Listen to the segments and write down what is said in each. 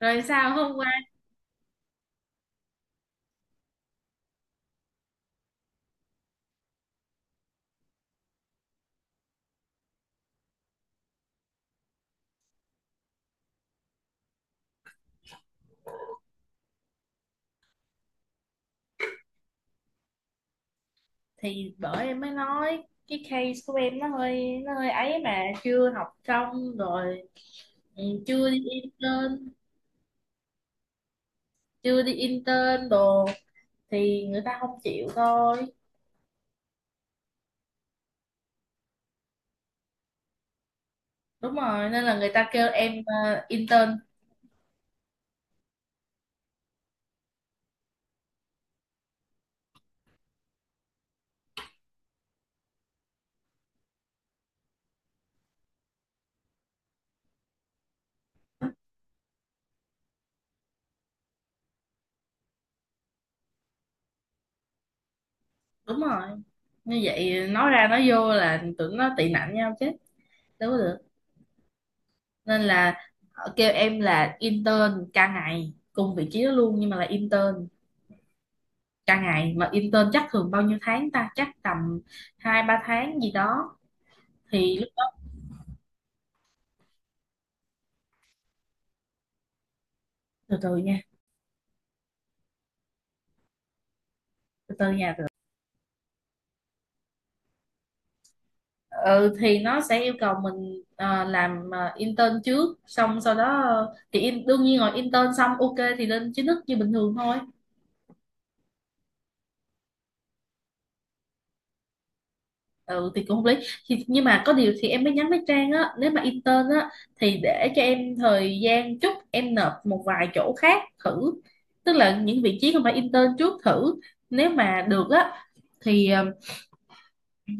Rồi sao hôm qua thì bởi em mới nói cái case của em nó hơi ấy mà chưa học xong rồi. Chưa đi intern, chưa đi intern đồ thì người ta không chịu thôi. Đúng rồi, nên là người ta kêu em intern. Đúng rồi, như vậy nói ra nói vô là tưởng nó tị nạnh nhau chứ đâu có được. Nên là họ kêu em là intern ca ngày cùng vị trí đó luôn nhưng mà là intern cả ngày, mà intern chắc thường bao nhiêu tháng ta, chắc tầm 2 3 tháng gì đó. Thì lúc từ từ nha từ từ nha. Ừ, thì nó sẽ yêu cầu mình làm intern trước, xong sau đó đương nhiên rồi intern xong ok thì lên chính thức như bình thường thôi. Ừ thì cũng không lý, nhưng mà có điều thì em mới nhắn với Trang á, nếu mà intern á thì để cho em thời gian chút, em nộp một vài chỗ khác thử, tức là những vị trí không phải intern trước thử. Nếu mà được á thì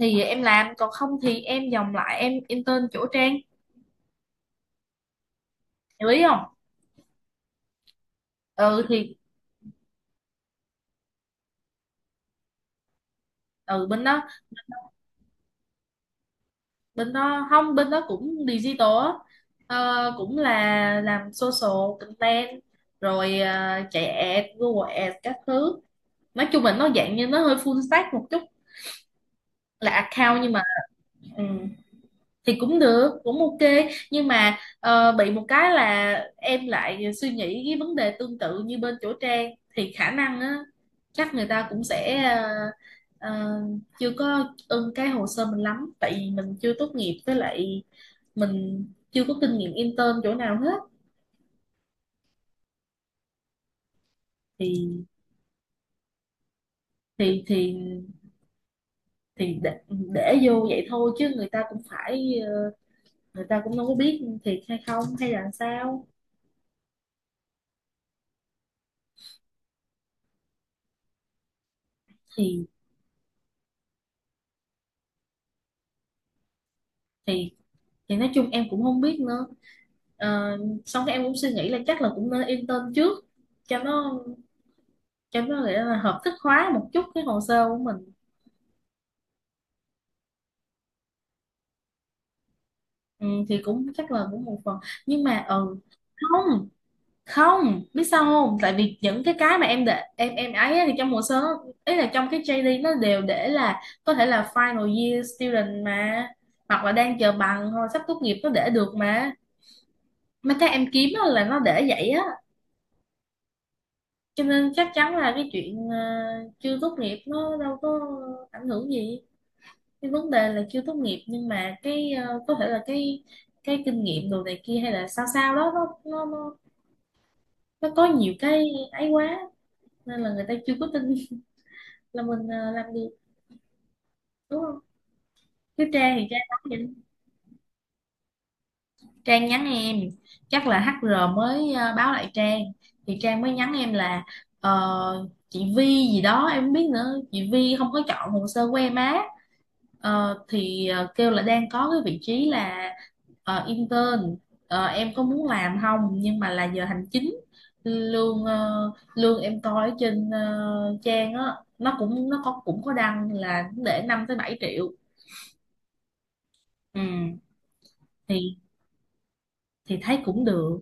thì em làm, còn không thì em vòng lại em intern chỗ Trang. Hiểu ý không? Ừ thì. Ừ, bên đó, bên đó không, bên đó cũng digital á. Cũng là làm social content rồi chạy ad Google Ads các thứ. Nói chung là nó dạng như nó hơi full stack một chút, là account nhưng mà ừ. Thì cũng được, cũng ok, nhưng mà bị một cái là em lại suy nghĩ cái vấn đề tương tự như bên chỗ Trang, thì khả năng á chắc người ta cũng sẽ ờ, chưa có ưng cái hồ sơ mình lắm, tại vì mình chưa tốt nghiệp, với lại mình chưa có kinh nghiệm intern chỗ nào hết. Thì thì thì thì để vô vậy thôi chứ người ta cũng phải người ta cũng đâu có biết thiệt hay không hay là sao. Thì thì thì nói chung em cũng không biết nữa. Ờ, Xong cái em cũng suy nghĩ là chắc là cũng nên intern trước cho nó, cho nó nghĩa là hợp thức hóa một chút cái hồ sơ của mình. Ừ, thì cũng chắc là cũng một phần nhưng mà ừ, không không biết sao không, tại vì những cái mà em để em ấy á thì trong hồ sơ nó- ý là trong cái JD nó đều để là có thể là final year student mà, hoặc là đang chờ bằng hoặc là sắp tốt nghiệp nó để được mà. Mấy cái em kiếm á là nó để vậy á, cho nên chắc chắn là cái chuyện chưa tốt nghiệp nó đâu có ảnh hưởng gì. Cái vấn đề là chưa tốt nghiệp nhưng mà cái có thể là cái kinh nghiệm đồ này kia hay là sao sao đó nó có nhiều cái ấy quá, nên là người ta chưa có tin là mình làm được, đúng không? Chứ Trang thì Trang nói vậy đó. Trang nhắn em, chắc là HR mới báo lại Trang, thì Trang mới nhắn em là chị Vi gì đó em không biết nữa, chị Vi không có chọn hồ sơ của em á. Thì kêu là đang có cái vị trí là intern. Em có muốn làm không, nhưng mà là giờ hành chính, lương lương em coi ở trên trang á nó cũng nó có cũng có đăng là để 5 tới 7 triệu. Ừ, thì thì thấy cũng được,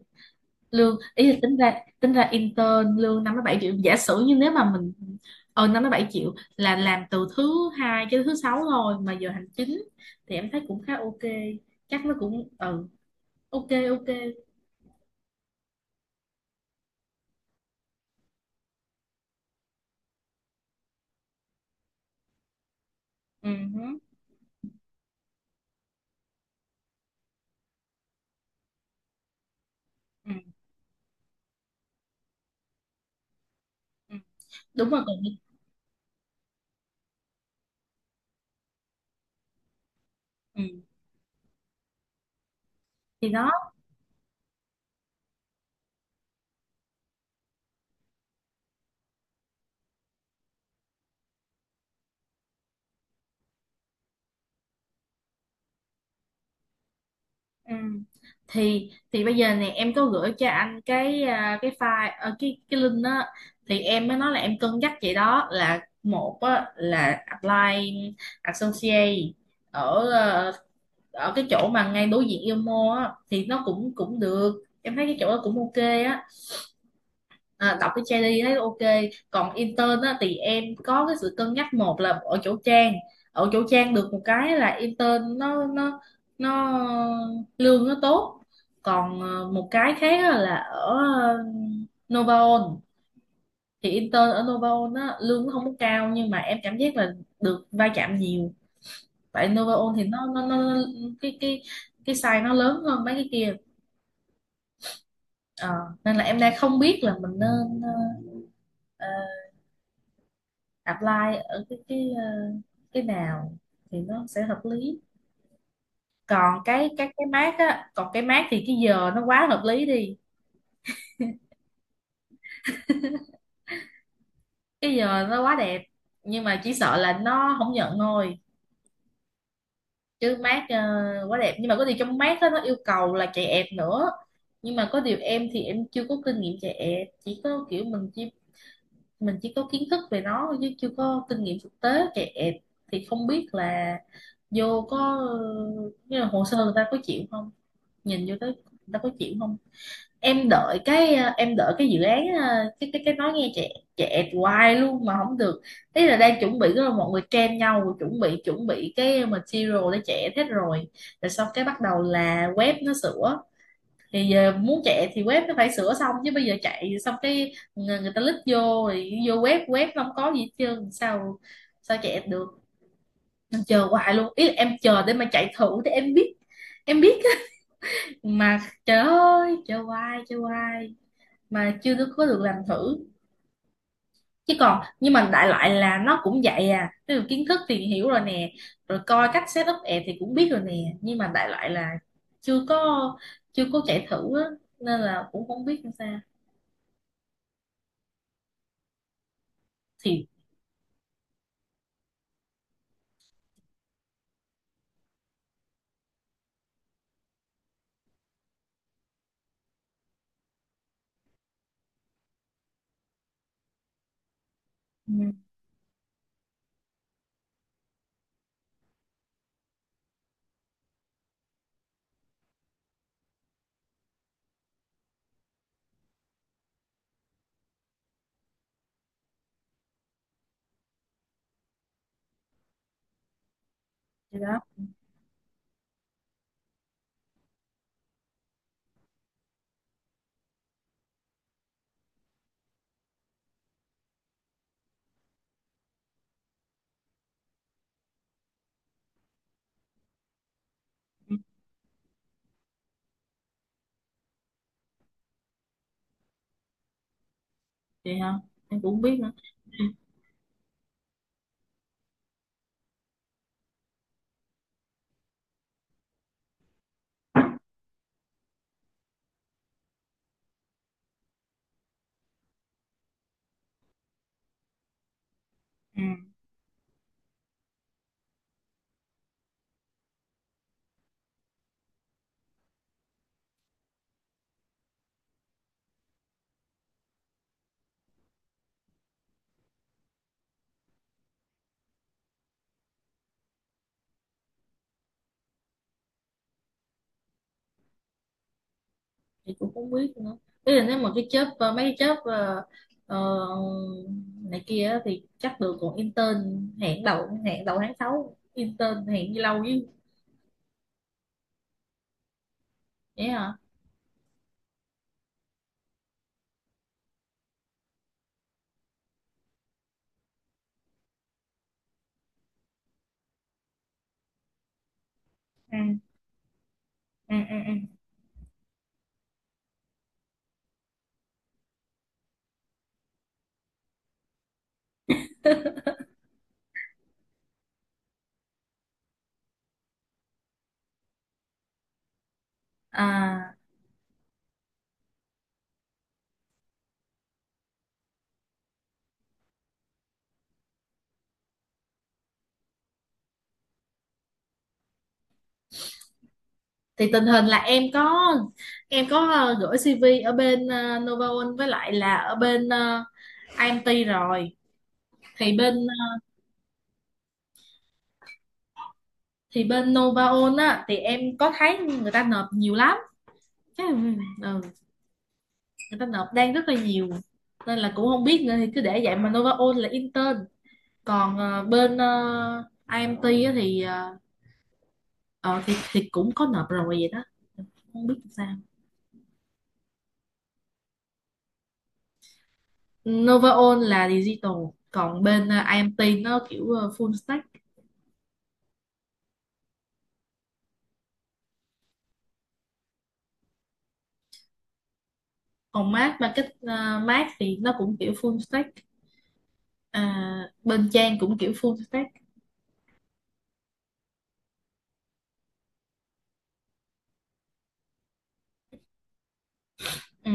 lương ý là tính ra, tính ra intern lương 5 tới 7 triệu, giả sử như nếu mà mình ờ 5 tới 7 triệu là làm từ thứ 2 cho tới thứ 6 thôi mà giờ hành chính, thì em thấy cũng khá ok. Chắc nó cũng ừ, ok, ok. Ừ, hứ, ừ, ừ. Đúng rồi còn gì. Ừ. Thì đó. Ừ. thì bây giờ nè em có gửi cho anh cái à, cái file cái link đó. Thì em mới nói là em cân nhắc vậy đó, là một á, là apply associate ở ở cái chỗ mà ngay đối diện Yêu Mall á, thì nó cũng cũng được, em thấy cái chỗ đó cũng ok á, à, đọc cái JD thấy ok. Còn intern á, thì em có cái sự cân nhắc, một là ở chỗ Trang, ở chỗ Trang được một cái là intern nó lương nó tốt. Còn một cái khác á là ở Novaon, thì intern ở Novaon á, lương nó không có cao nhưng mà em cảm giác là được va chạm nhiều. Tại Novaon thì nó cái cái size nó lớn hơn mấy cái kia. Ờ, Nên là em đang không biết là mình nên ờ, apply ở cái nào thì nó sẽ hợp lý. Còn cái cái mát á, còn cái mát thì cái giờ nó quá hợp lý đi, cái giờ nó quá đẹp, nhưng mà chỉ sợ là nó không nhận thôi. Chứ mát quá đẹp, nhưng mà có điều trong mát á nó yêu cầu là chạy ẹp nữa, nhưng mà có điều em thì em chưa có kinh nghiệm chạy ẹp, chỉ có kiểu mình chỉ có kiến thức về nó thôi chứ chưa có kinh nghiệm thực tế chạy ẹp. Thì không biết là vô có ờ, như là hồ sơ người ta có chịu không, nhìn vô tới ta có chịu không. Em đợi cái em đợi cái dự án cái cái nói nghe trẻ, trẻ hoài luôn mà không được. Ý là đang chuẩn bị rồi, mọi người trend nhau chuẩn bị, chuẩn bị cái material để trẻ hết rồi, rồi xong cái bắt đầu là web nó sửa. Thì giờ muốn chạy thì web nó phải sửa xong, chứ bây giờ chạy xong cái người ta lít vô rồi vô web, web nó không có gì hết trơn, sao sao chạy được. Em chờ hoài luôn, ý là em chờ để mà chạy thử để em biết, em biết mà, trời ơi trời hoài mà chưa được- có được làm thử. Chứ còn nhưng mà đại loại là nó cũng vậy à, ví dụ kiến thức thì hiểu rồi nè, rồi coi cách set up app thì cũng biết rồi nè, nhưng mà đại loại là chưa có chưa có chạy thử á, nên là cũng không biết làm sao. thì ừ, thì đó. Ừ, vậy hả, em cũng không biết nữa. Ừ. Thì cũng không biết nữa, bây giờ nếu mà cái job mấy cái job ờ, này kia á thì chắc được, còn intern hẹn đầu tháng 6 intern hẹn như lâu chứ. Vậy hả. Ừ, ừ, ừ, ừ. À, thì tình hình là em có gửi CV ở bên Novaon với lại là ở bên IMT rồi. thì bên ờ, thì bên Novaon á thì em có thấy người ta nộp nhiều lắm. Chắc- ừ. Người ta nộp đang rất là nhiều, nên là cũng không biết nữa, thì cứ để vậy mà Nova Ôn là intern. Còn bên IMT á thì, ờ, thì cũng có nộp rồi vậy đó, không biết sao. Nova Ôn là digital, còn bên IMT nó kiểu full stack. Còn Mác thì nó cũng kiểu full stack, à, bên Trang cũng kiểu full stack. Ừ.